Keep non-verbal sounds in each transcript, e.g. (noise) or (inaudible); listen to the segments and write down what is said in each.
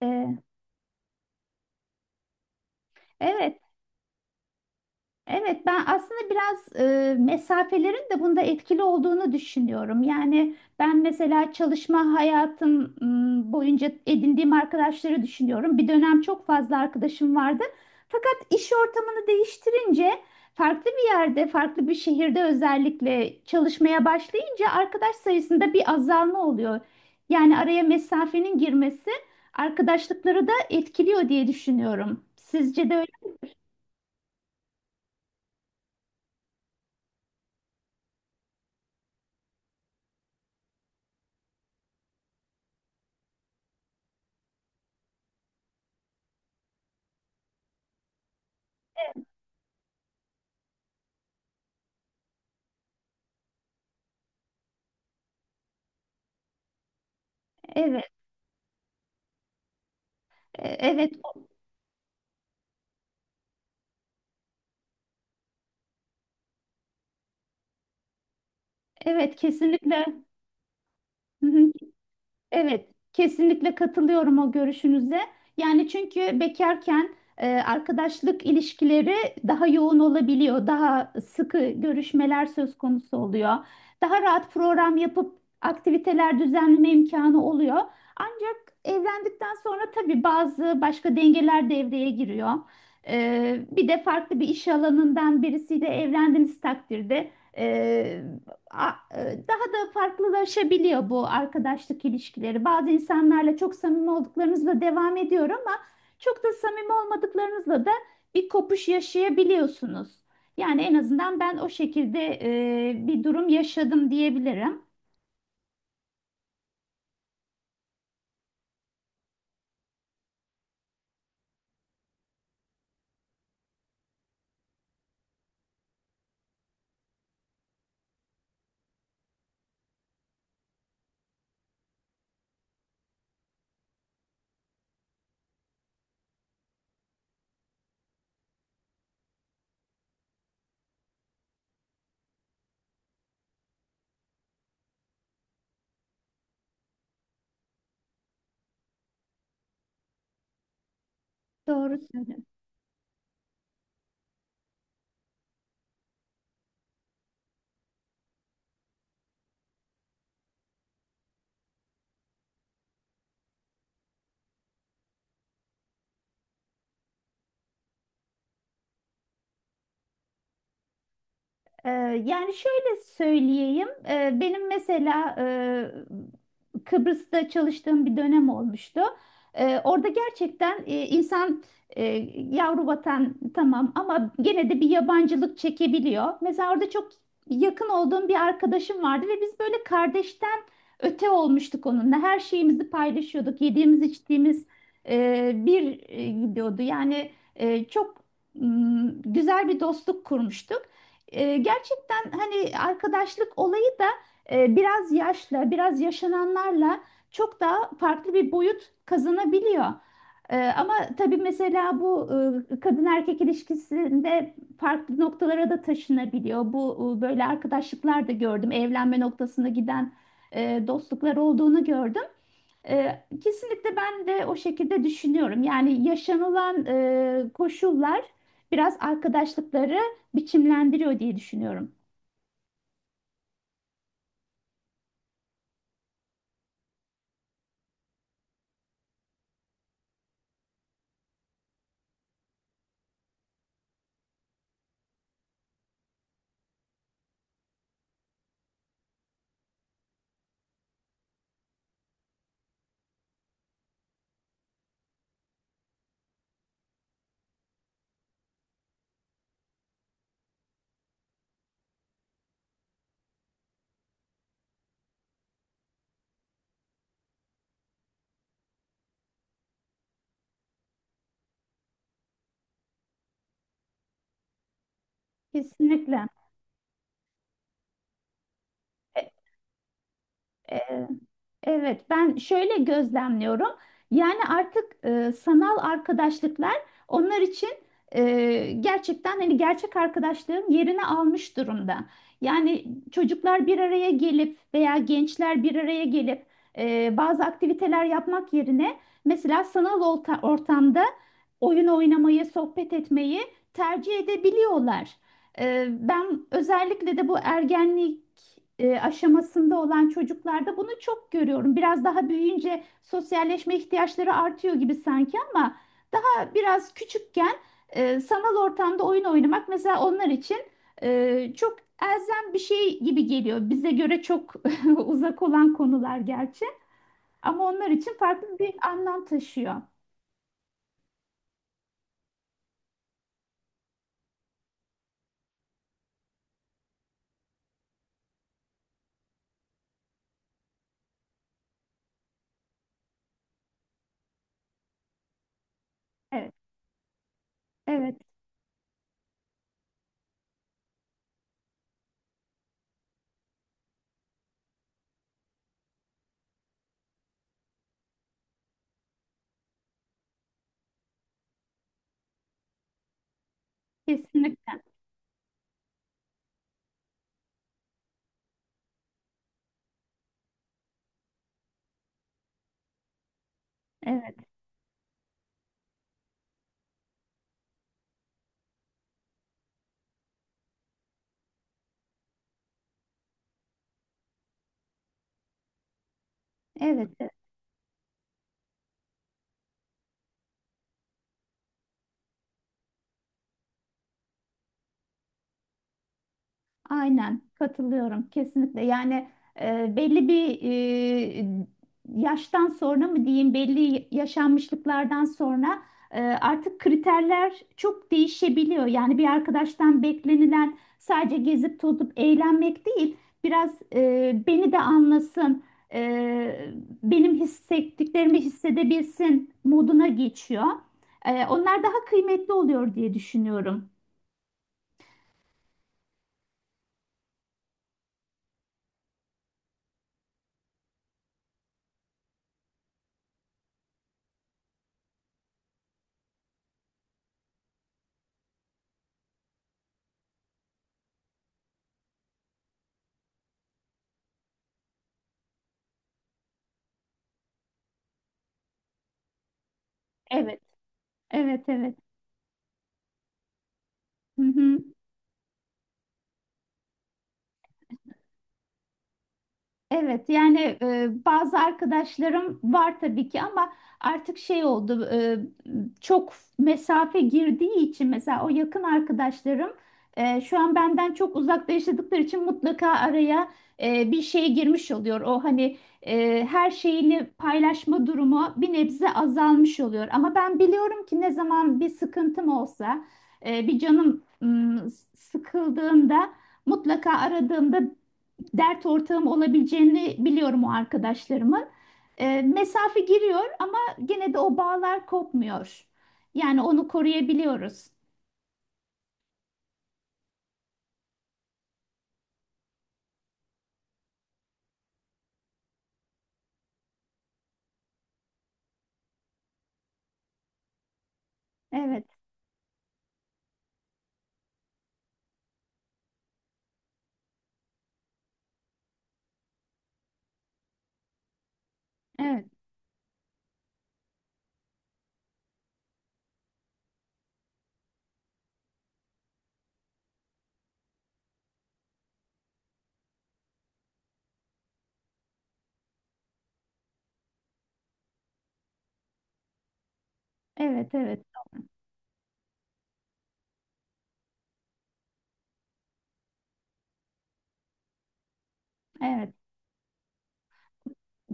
Ee, evet, evet ben aslında biraz mesafelerin de bunda etkili olduğunu düşünüyorum. Yani ben mesela çalışma hayatım boyunca edindiğim arkadaşları düşünüyorum. Bir dönem çok fazla arkadaşım vardı. Fakat iş ortamını değiştirince farklı bir yerde, farklı bir şehirde özellikle çalışmaya başlayınca arkadaş sayısında bir azalma oluyor. Yani araya mesafenin girmesi arkadaşlıkları da etkiliyor diye düşünüyorum. Sizce de öyle mi? Evet. Evet, evet kesinlikle. Hı hı. Evet, kesinlikle katılıyorum o görüşünüze. Yani çünkü bekarken arkadaşlık ilişkileri daha yoğun olabiliyor, daha sıkı görüşmeler söz konusu oluyor. Daha rahat program yapıp aktiviteler düzenleme imkanı oluyor. Ancak evlendikten sonra tabii bazı başka dengeler devreye giriyor. E, bir de farklı bir iş alanından birisiyle evlendiğiniz takdirde. e, a- e, Daha da farklılaşabiliyor bu arkadaşlık ilişkileri. Bazı insanlarla çok samimi olduklarınızla devam ediyor ama çok da samimi olmadıklarınızla da bir kopuş yaşayabiliyorsunuz. Yani en azından ben o şekilde bir durum yaşadım diyebilirim. Doğru söylüyorsun. Ee, Yani şöyle söyleyeyim, benim mesela Kıbrıs'ta çalıştığım bir dönem olmuştu. Orada gerçekten insan e, yavru vatan tamam ama gene de bir yabancılık çekebiliyor. Mesela orada çok yakın olduğum bir arkadaşım vardı ve biz böyle kardeşten öte olmuştuk onunla. Her şeyimizi paylaşıyorduk, yediğimiz içtiğimiz gidiyordu. Yani çok güzel bir dostluk kurmuştuk. E, gerçekten hani arkadaşlık olayı da biraz yaşla, biraz yaşananlarla çok daha farklı bir boyut kazanabiliyor. E, ama tabii mesela bu kadın erkek ilişkisinde farklı noktalara da taşınabiliyor. Bu böyle arkadaşlıklar da gördüm. Evlenme noktasına giden dostluklar olduğunu gördüm. Kesinlikle ben de o şekilde düşünüyorum. Yani yaşanılan koşullar biraz arkadaşlıkları biçimlendiriyor diye düşünüyorum. Kesinlikle. E, Ee, Evet, ben şöyle gözlemliyorum. Yani artık sanal arkadaşlıklar onlar için gerçekten hani gerçek arkadaşlığın yerini almış durumda. Yani çocuklar bir araya gelip veya gençler bir araya gelip bazı aktiviteler yapmak yerine mesela sanal ortamda oyun oynamayı, sohbet etmeyi tercih edebiliyorlar. Ben özellikle de bu ergenlik aşamasında olan çocuklarda bunu çok görüyorum. Biraz daha büyüyünce sosyalleşme ihtiyaçları artıyor gibi sanki ama daha biraz küçükken sanal ortamda oyun oynamak mesela onlar için çok elzem bir şey gibi geliyor. Bize göre çok (laughs) uzak olan konular gerçi ama onlar için farklı bir anlam taşıyor. Evet, evet, kesinlikle. Evet, evet, aynen katılıyorum kesinlikle. Yani belli bir e, yaştan sonra mı diyeyim belli yaşanmışlıklardan sonra artık kriterler çok değişebiliyor. Yani bir arkadaştan beklenilen sadece gezip tozup eğlenmek değil, biraz beni de anlasın, e, benim hissettiklerimi hissedebilsin moduna geçiyor. E, onlar daha kıymetli oluyor diye düşünüyorum. Evet, evet, evet. Hı hı. Evet yani bazı arkadaşlarım var tabii ki ama artık şey oldu, çok mesafe girdiği için mesela o yakın arkadaşlarım şu an benden çok uzakta yaşadıkları için mutlaka araya bir şey girmiş oluyor. O hani her şeyini paylaşma durumu bir nebze azalmış oluyor. Ama ben biliyorum ki ne zaman bir sıkıntım olsa bir canım sıkıldığında mutlaka aradığımda dert ortağım olabileceğini biliyorum o arkadaşlarımın. E, mesafe giriyor ama gene de o bağlar kopmuyor. Yani onu koruyabiliyoruz. Evet, evet, evet, evet, evet.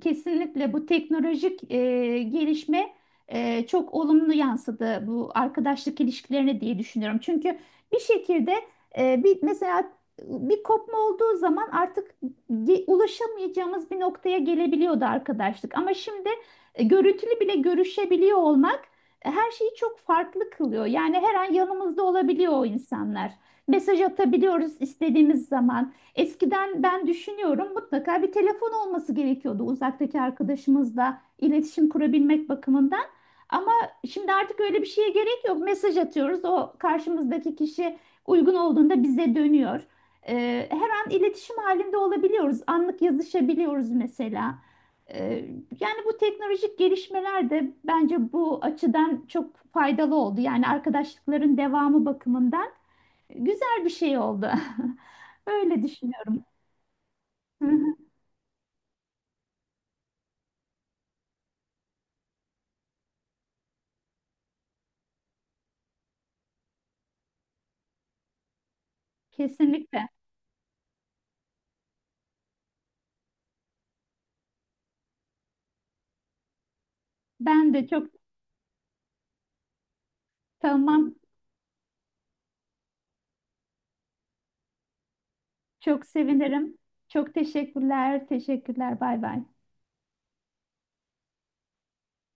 Kesinlikle bu teknolojik gelişme çok olumlu yansıdı bu arkadaşlık ilişkilerine diye düşünüyorum. Çünkü bir şekilde e, bir mesela bir kopma olduğu zaman artık ulaşamayacağımız bir noktaya gelebiliyordu arkadaşlık. Ama şimdi görüntülü bile görüşebiliyor olmak her şeyi çok farklı kılıyor. Yani her an yanımızda olabiliyor o insanlar. Mesaj atabiliyoruz istediğimiz zaman. Eskiden ben düşünüyorum mutlaka bir telefon olması gerekiyordu uzaktaki arkadaşımızla iletişim kurabilmek bakımından. Ama şimdi artık öyle bir şeye gerek yok. Mesaj atıyoruz. O karşımızdaki kişi uygun olduğunda bize dönüyor. Her an iletişim halinde olabiliyoruz. Anlık yazışabiliyoruz mesela. Ee, Yani bu teknolojik gelişmeler de bence bu açıdan çok faydalı oldu. Yani arkadaşlıkların devamı bakımından güzel bir şey oldu. (laughs) Öyle düşünüyorum. Hı hı. Kesinlikle. Ben de çok tamam. Çok sevinirim. Çok teşekkürler. Teşekkürler. Bay bay.